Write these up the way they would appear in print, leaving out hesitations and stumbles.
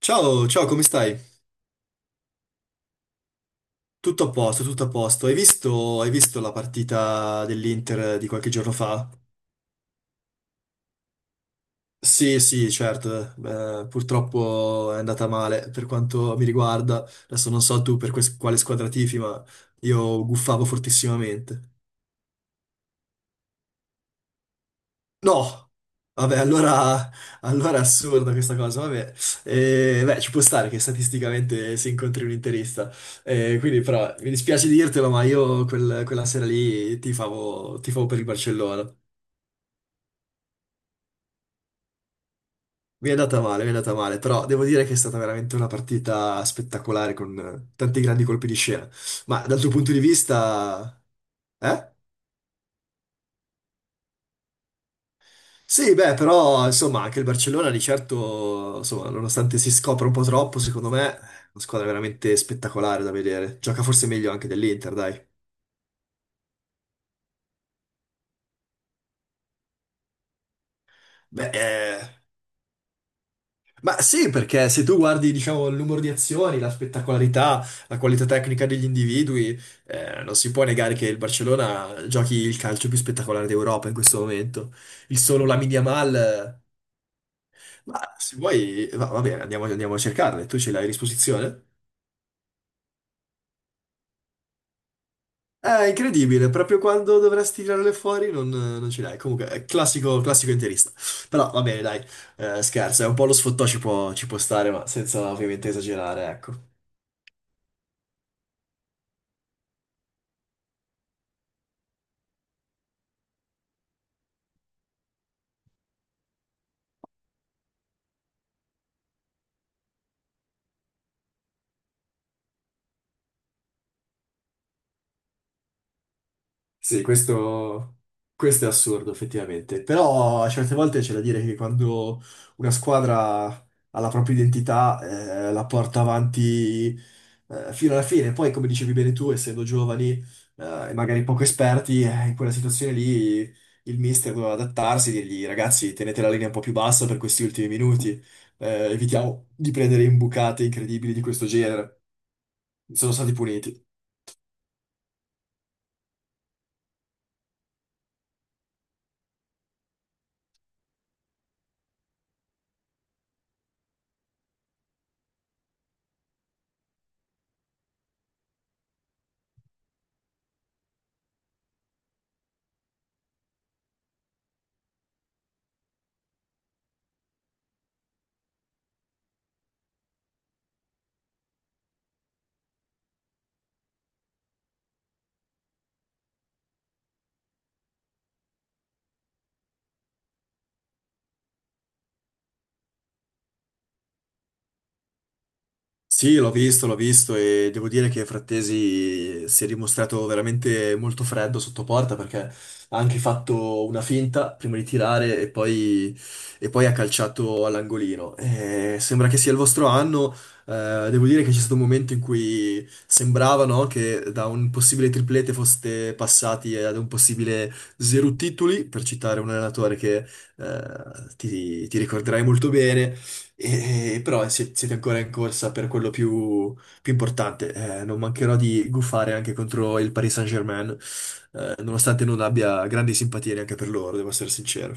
Ciao, ciao, come stai? Tutto a posto, tutto a posto. Hai visto la partita dell'Inter di qualche giorno fa? Sì, sì, certo. Purtroppo è andata male per quanto mi riguarda. Adesso non so tu per quale squadra tifi, ma io guffavo fortissimamente. No, vabbè, allora è assurda questa cosa, vabbè. Beh, ci può stare che statisticamente si incontri un interista, quindi però mi dispiace dirtelo, ma io quella sera lì tifavo, tifavo per il Barcellona. Mi è andata male, mi è andata male, però devo dire che è stata veramente una partita spettacolare con tanti grandi colpi di scena. Ma dal tuo punto di vista... Eh? Sì, beh, però insomma anche il Barcellona di certo, insomma, nonostante si scopra un po' troppo, secondo me è una squadra veramente spettacolare da vedere. Gioca forse meglio anche dell'Inter, dai. Beh, ma sì, perché se tu guardi, diciamo, il numero di azioni, la spettacolarità, la qualità tecnica degli individui, non si può negare che il Barcellona giochi il calcio più spettacolare d'Europa in questo momento. Il solo Lamine Yamal, ma se vuoi, va bene, andiamo, andiamo a cercarle, tu ce l'hai a disposizione? È incredibile, proprio quando dovresti tirarle fuori non ce l'hai. Comunque, è classico, classico interista. Però va bene, dai, scherzo, è un po' lo sfottò ci può stare, ma senza ovviamente esagerare, ecco. Sì, questo è assurdo effettivamente, però a certe volte c'è da dire che quando una squadra ha la propria identità, la porta avanti, fino alla fine. Poi come dicevi bene tu, essendo giovani, e magari poco esperti, in quella situazione lì il mister doveva adattarsi e dirgli: ragazzi, tenete la linea un po' più bassa per questi ultimi minuti, evitiamo di prendere imbucate incredibili di questo genere, sono stati puniti. Sì, l'ho visto, l'ho visto, e devo dire che Frattesi si è dimostrato veramente molto freddo sotto porta, perché ha anche fatto una finta prima di tirare e poi, ha calciato all'angolino. Sembra che sia il vostro anno, devo dire che c'è stato un momento in cui sembrava, no, che da un possibile triplete foste passati ad un possibile zero titoli, per citare un allenatore che eh, ti ricorderai molto bene. Però siete ancora in corsa per quello più importante. Non mancherò di guffare anche contro il Paris Saint-Germain, nonostante non abbia grandi simpatie neanche per loro, devo essere sincero.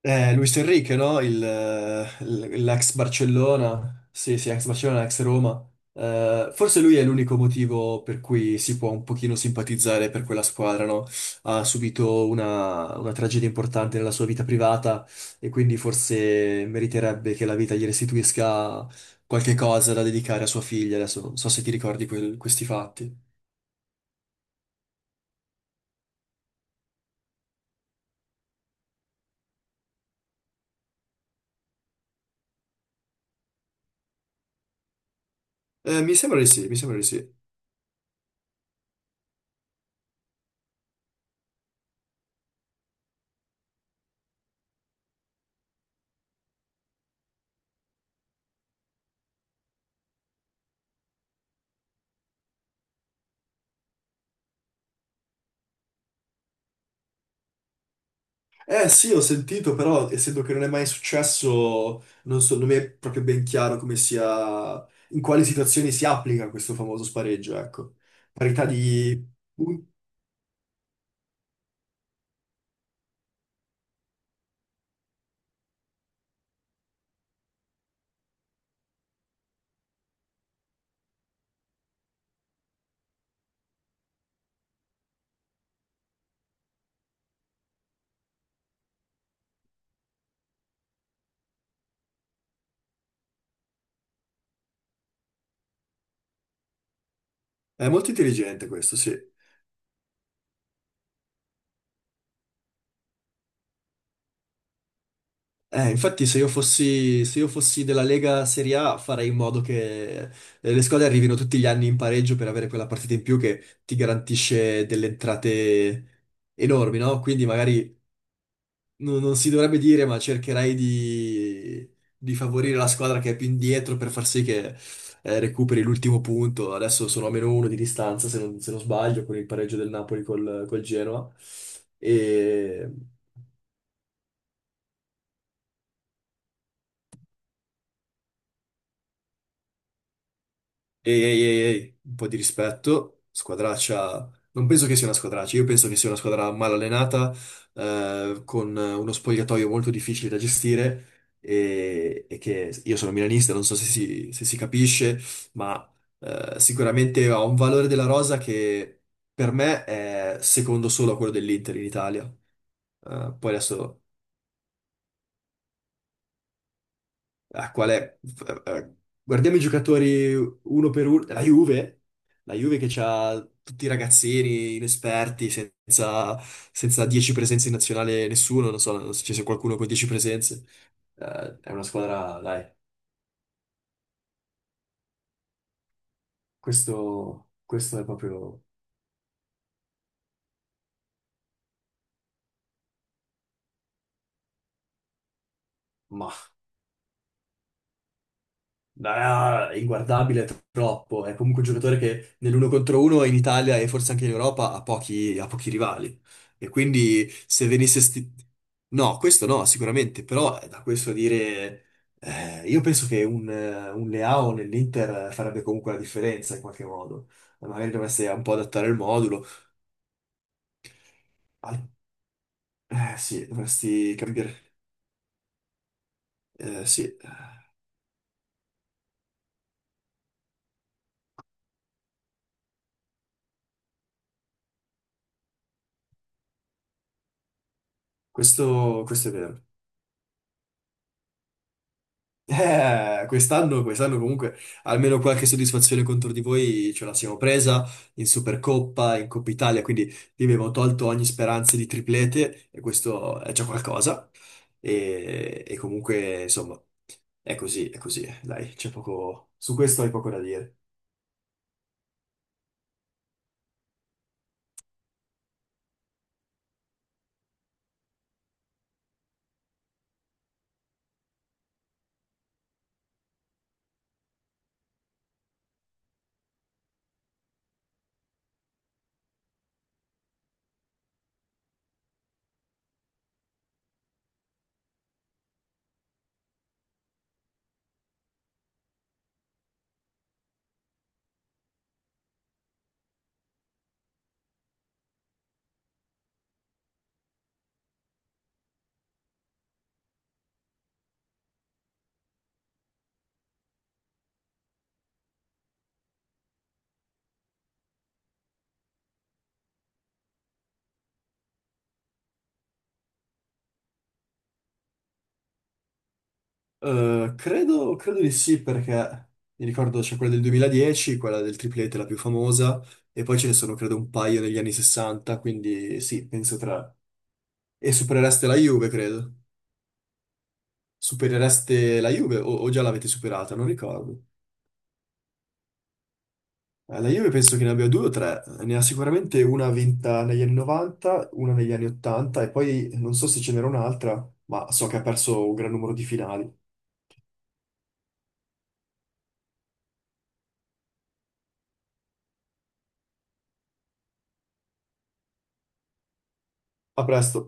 Luis Enrique, no? L'ex Barcellona, sì, sì, ex Barcellona, ex Roma. Forse lui è l'unico motivo per cui si può un pochino simpatizzare per quella squadra, no? Ha subito una tragedia importante nella sua vita privata, e quindi forse meriterebbe che la vita gli restituisca qualche cosa da dedicare a sua figlia. Adesso non so se ti ricordi questi fatti. Mi sembra di sì, mi sembra di sì. Eh sì, ho sentito, però essendo che non è mai successo, non so, non, mi è proprio ben chiaro come sia, in quali situazioni si applica questo famoso spareggio, ecco. Parità di... punti. È molto intelligente questo, sì. Infatti se io fossi, se io fossi della Lega Serie A, farei in modo che, le squadre arrivino tutti gli anni in pareggio per avere quella partita in più che ti garantisce delle entrate enormi, no? Quindi magari non si dovrebbe dire, ma cercherai di favorire la squadra che è più indietro per far sì che, recuperi l'ultimo punto. Adesso sono a meno uno di distanza, se non sbaglio, con il pareggio del Napoli col Genoa. Ehi, ehi, ehi, ehi, un po' di rispetto! Squadraccia? Non penso che sia una squadraccia, io penso che sia una squadra mal allenata, con uno spogliatoio molto difficile da gestire, e che io sono milanista, non so se si capisce, ma sicuramente ha un valore della rosa che per me è secondo solo a quello dell'Inter in Italia. Poi adesso, a quale- f- eh, guardiamo i giocatori uno per uno. La Juve, che ha tutti i ragazzini inesperti, senza 10 presenze in nazionale nessuno, non so se ci sia qualcuno con 10 presenze. È una squadra, dai, questo è proprio... mah. Ah, è inguardabile è troppo. È comunque un giocatore che nell'uno contro uno in Italia, e forse anche in Europa, ha pochi rivali. E quindi se venisse... No, questo no, sicuramente, però da questo a dire... io penso che un Leao nell'Inter farebbe comunque la differenza in qualche modo. Magari dovreste un po' adattare il modulo. Al- Eh sì, dovresti cambiare... Eh sì, questo è vero. Quest'anno comunque almeno qualche soddisfazione contro di voi ce la siamo presa in Supercoppa, in Coppa Italia, quindi vi abbiamo tolto ogni speranza di triplete, e questo è già qualcosa. E comunque, insomma, è così, è così. Dai, c'è poco... Su questo hai poco da dire. Credo di sì, perché mi ricordo c'è quella del 2010, quella del triplete, la più famosa, e poi ce ne sono credo un paio negli anni 60, quindi sì, penso tra. E superereste la Juve, credo. Superereste la Juve, o già l'avete superata, non ricordo. La Juve penso che ne abbia due o tre, ne ha sicuramente una vinta negli anni 90, una negli anni 80, e poi non so se ce n'era un'altra, ma so che ha perso un gran numero di finali. A presto.